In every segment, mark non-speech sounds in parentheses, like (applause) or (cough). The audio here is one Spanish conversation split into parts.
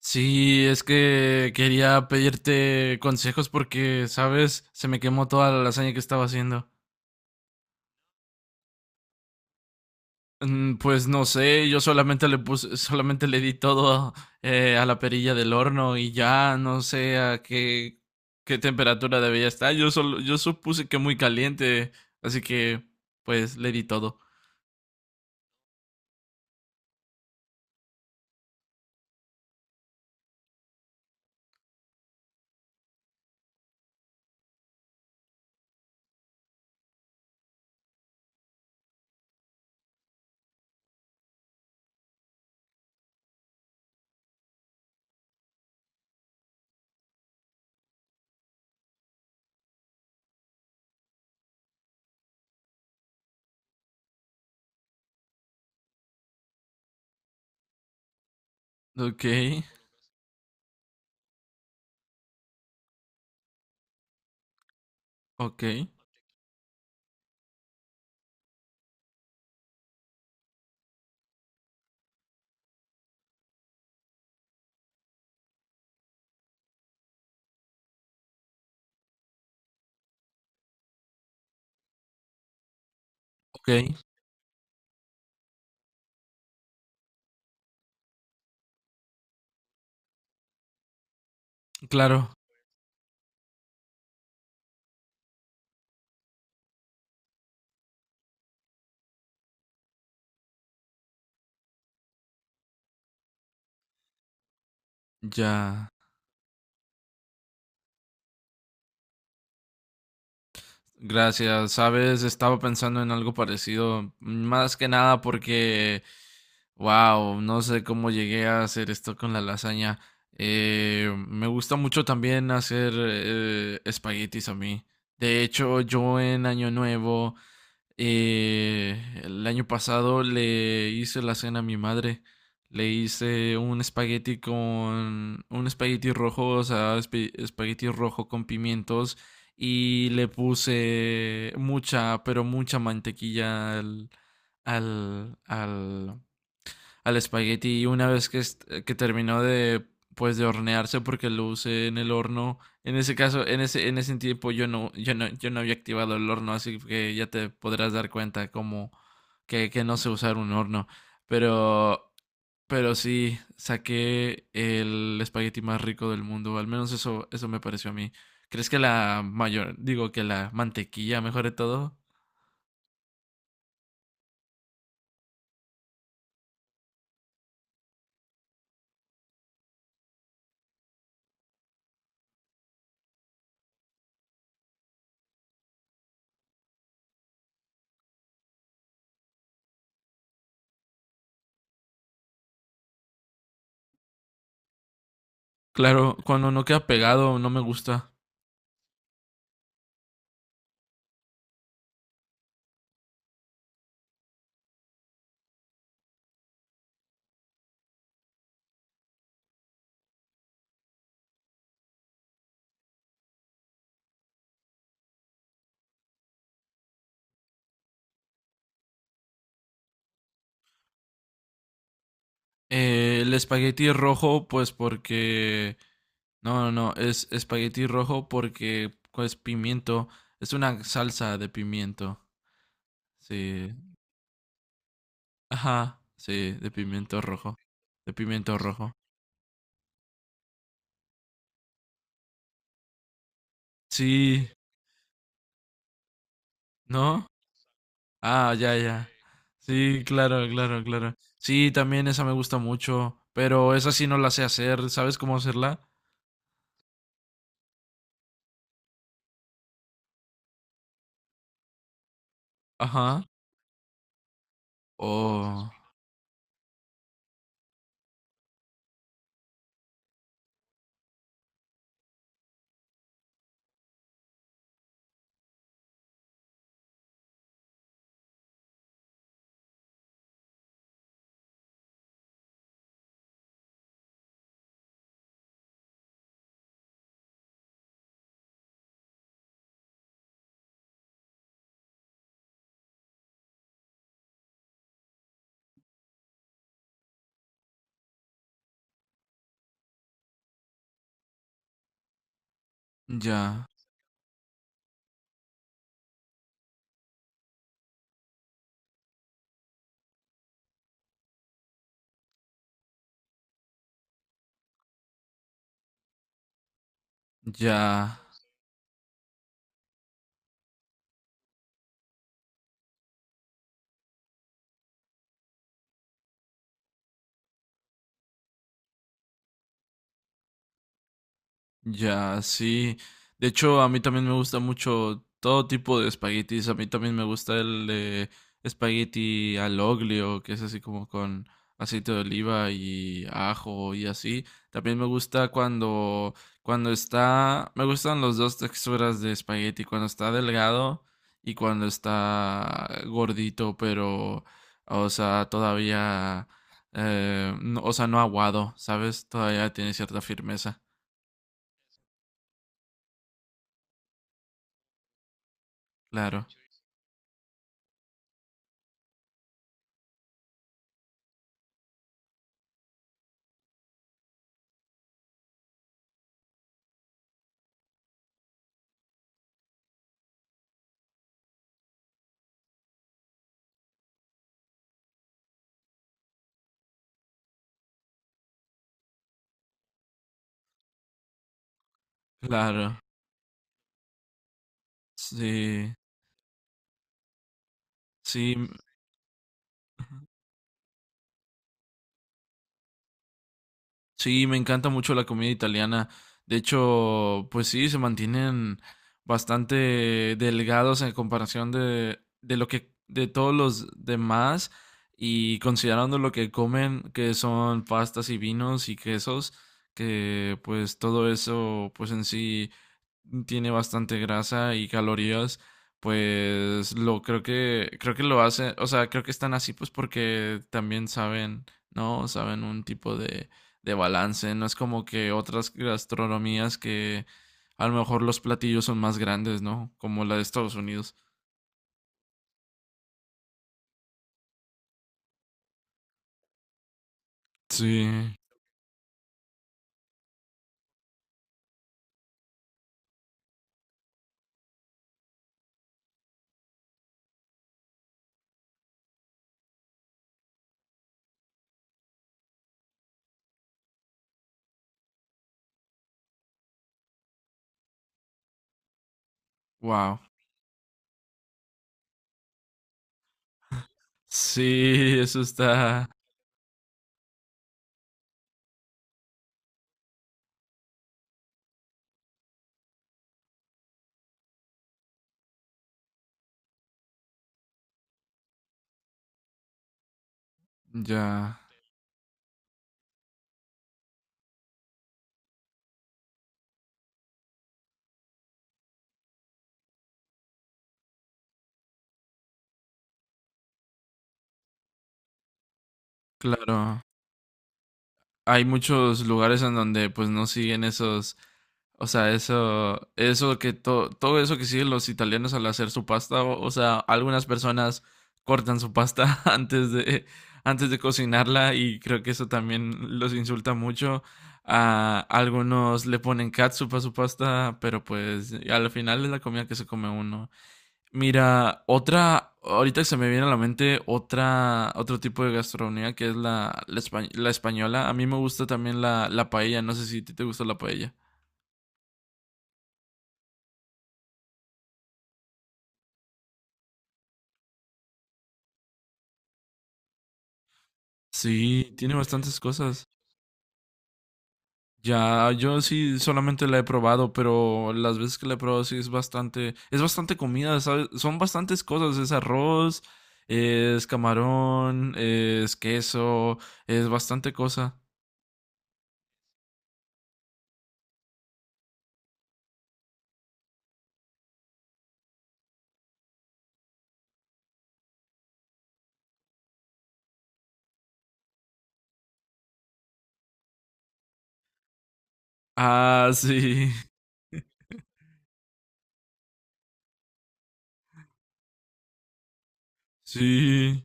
Sí, es que quería pedirte consejos porque, sabes, se me quemó toda la lasaña que estaba haciendo. Mm, pues no sé, yo solamente le puse, solamente le di todo a la perilla del horno y ya no sé a qué, qué temperatura debía estar. Yo solo, yo supuse que muy caliente, así que pues le di todo. Ok, ok, ok, claro, ya. Gracias, sabes, estaba pensando en algo parecido, más que nada porque, wow, no sé cómo llegué a hacer esto con la lasaña. Me gusta mucho también hacer espaguetis a mí. De hecho, yo en Año Nuevo, eh, el año pasado le hice la cena a mi madre. Le hice un espagueti con un espagueti rojo, o sea, espagueti rojo con pimientos y le puse mucha, pero mucha mantequilla al al al espagueti, y una vez que, que terminó de pues de hornearse porque lo usé en el horno. En ese caso, en ese tiempo yo no yo no había activado el horno, así que ya te podrás dar cuenta como que no sé usar un horno, pero pero sí saqué el espagueti más rico del mundo, al menos eso eso me pareció a mí. ¿Crees que la mayor, digo que la mantequilla mejore todo? Claro, cuando no queda pegado no me gusta. El espagueti rojo, pues porque... No, no, no, es espagueti rojo porque pues pimiento. Es una salsa de pimiento. Sí. Ajá, sí, de pimiento rojo. De pimiento rojo. Sí, ¿no? Ah, ya, ya. Sí, claro, claro, claro. Sí, también esa me gusta mucho, pero esa sí no la sé hacer. ¿Sabes cómo hacerla? Ajá. Oh, ya, ya. Ya, sí. De hecho, a mí también me gusta mucho todo tipo de espaguetis. A mí también me gusta el de espagueti al oglio, que es así como con aceite de oliva y ajo y así. También me gusta cuando, cuando está, me gustan las dos texturas de espagueti, cuando está delgado y cuando está gordito, pero, o sea, todavía, o sea, no aguado, ¿sabes? Todavía tiene cierta firmeza. Claro. Claro, sí, sí, m- sí, me encanta mucho la comida italiana. De hecho, pues sí, se mantienen bastante delgados en comparación de lo que, de todos los demás y considerando lo que comen, que son pastas y vinos y quesos, que pues todo eso, pues en sí, tiene bastante grasa y calorías, pues lo creo que lo hacen, o sea, creo que están así pues porque también saben, ¿no? Saben un tipo de balance, no es como que otras gastronomías que a lo mejor los platillos son más grandes, ¿no? Como la de Estados Unidos. Sí, wow. Sí, (laughs) eso está ya, claro. Hay muchos lugares en donde pues no siguen esos, o sea, eso todo eso que siguen los italianos al hacer su pasta, o sea, algunas personas cortan su pasta (laughs) antes de cocinarla y creo que eso también los insulta mucho. A algunos le ponen catsup a su pasta, pero pues al final es la comida que se come uno. Mira, otra, ahorita se me viene a la mente otra, otro tipo de gastronomía que es la, la, la española. A mí me gusta también la paella, no sé si a ti te gusta la paella. Sí, tiene bastantes cosas. Ya, yo sí solamente la he probado, pero las veces que la he probado sí es bastante comida, ¿sabes? Son bastantes cosas, es arroz, es camarón, es queso, es bastante cosa. Ah, sí, (laughs) sí,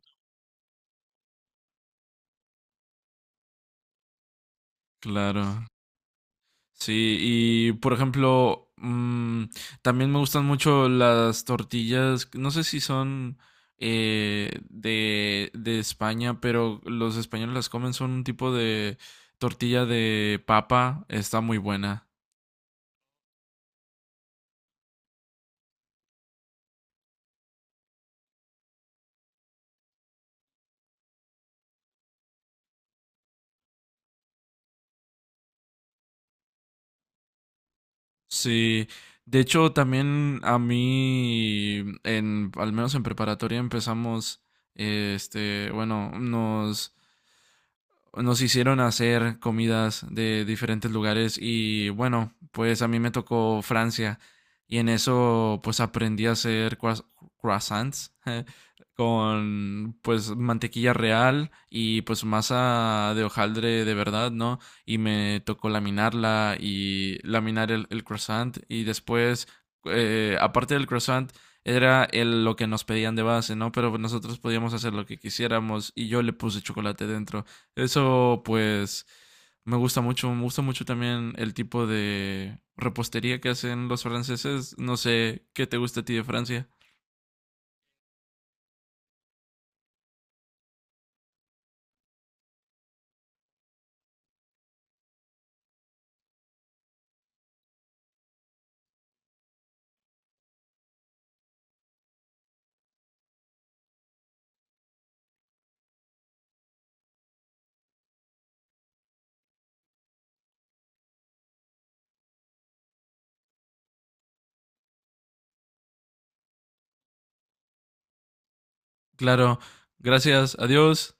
claro. Sí, y por ejemplo, mm, también me gustan mucho las tortillas, no sé si son de España, pero los españoles las comen, son un tipo de tortilla de papa, está muy buena. Sí, de hecho también a mí, en, al menos en preparatoria empezamos, bueno, nos hicieron hacer comidas de diferentes lugares y bueno, pues a mí me tocó Francia y en eso pues aprendí a hacer croissants (laughs) con pues mantequilla real y pues masa de hojaldre de verdad, ¿no? Y me tocó laminarla y laminar el croissant y después aparte del croissant era el, lo que nos pedían de base, ¿no? Pero nosotros podíamos hacer lo que quisiéramos y yo le puse chocolate dentro. Eso pues me gusta mucho también el tipo de repostería que hacen los franceses. No sé qué te gusta a ti de Francia. Claro, gracias, adiós.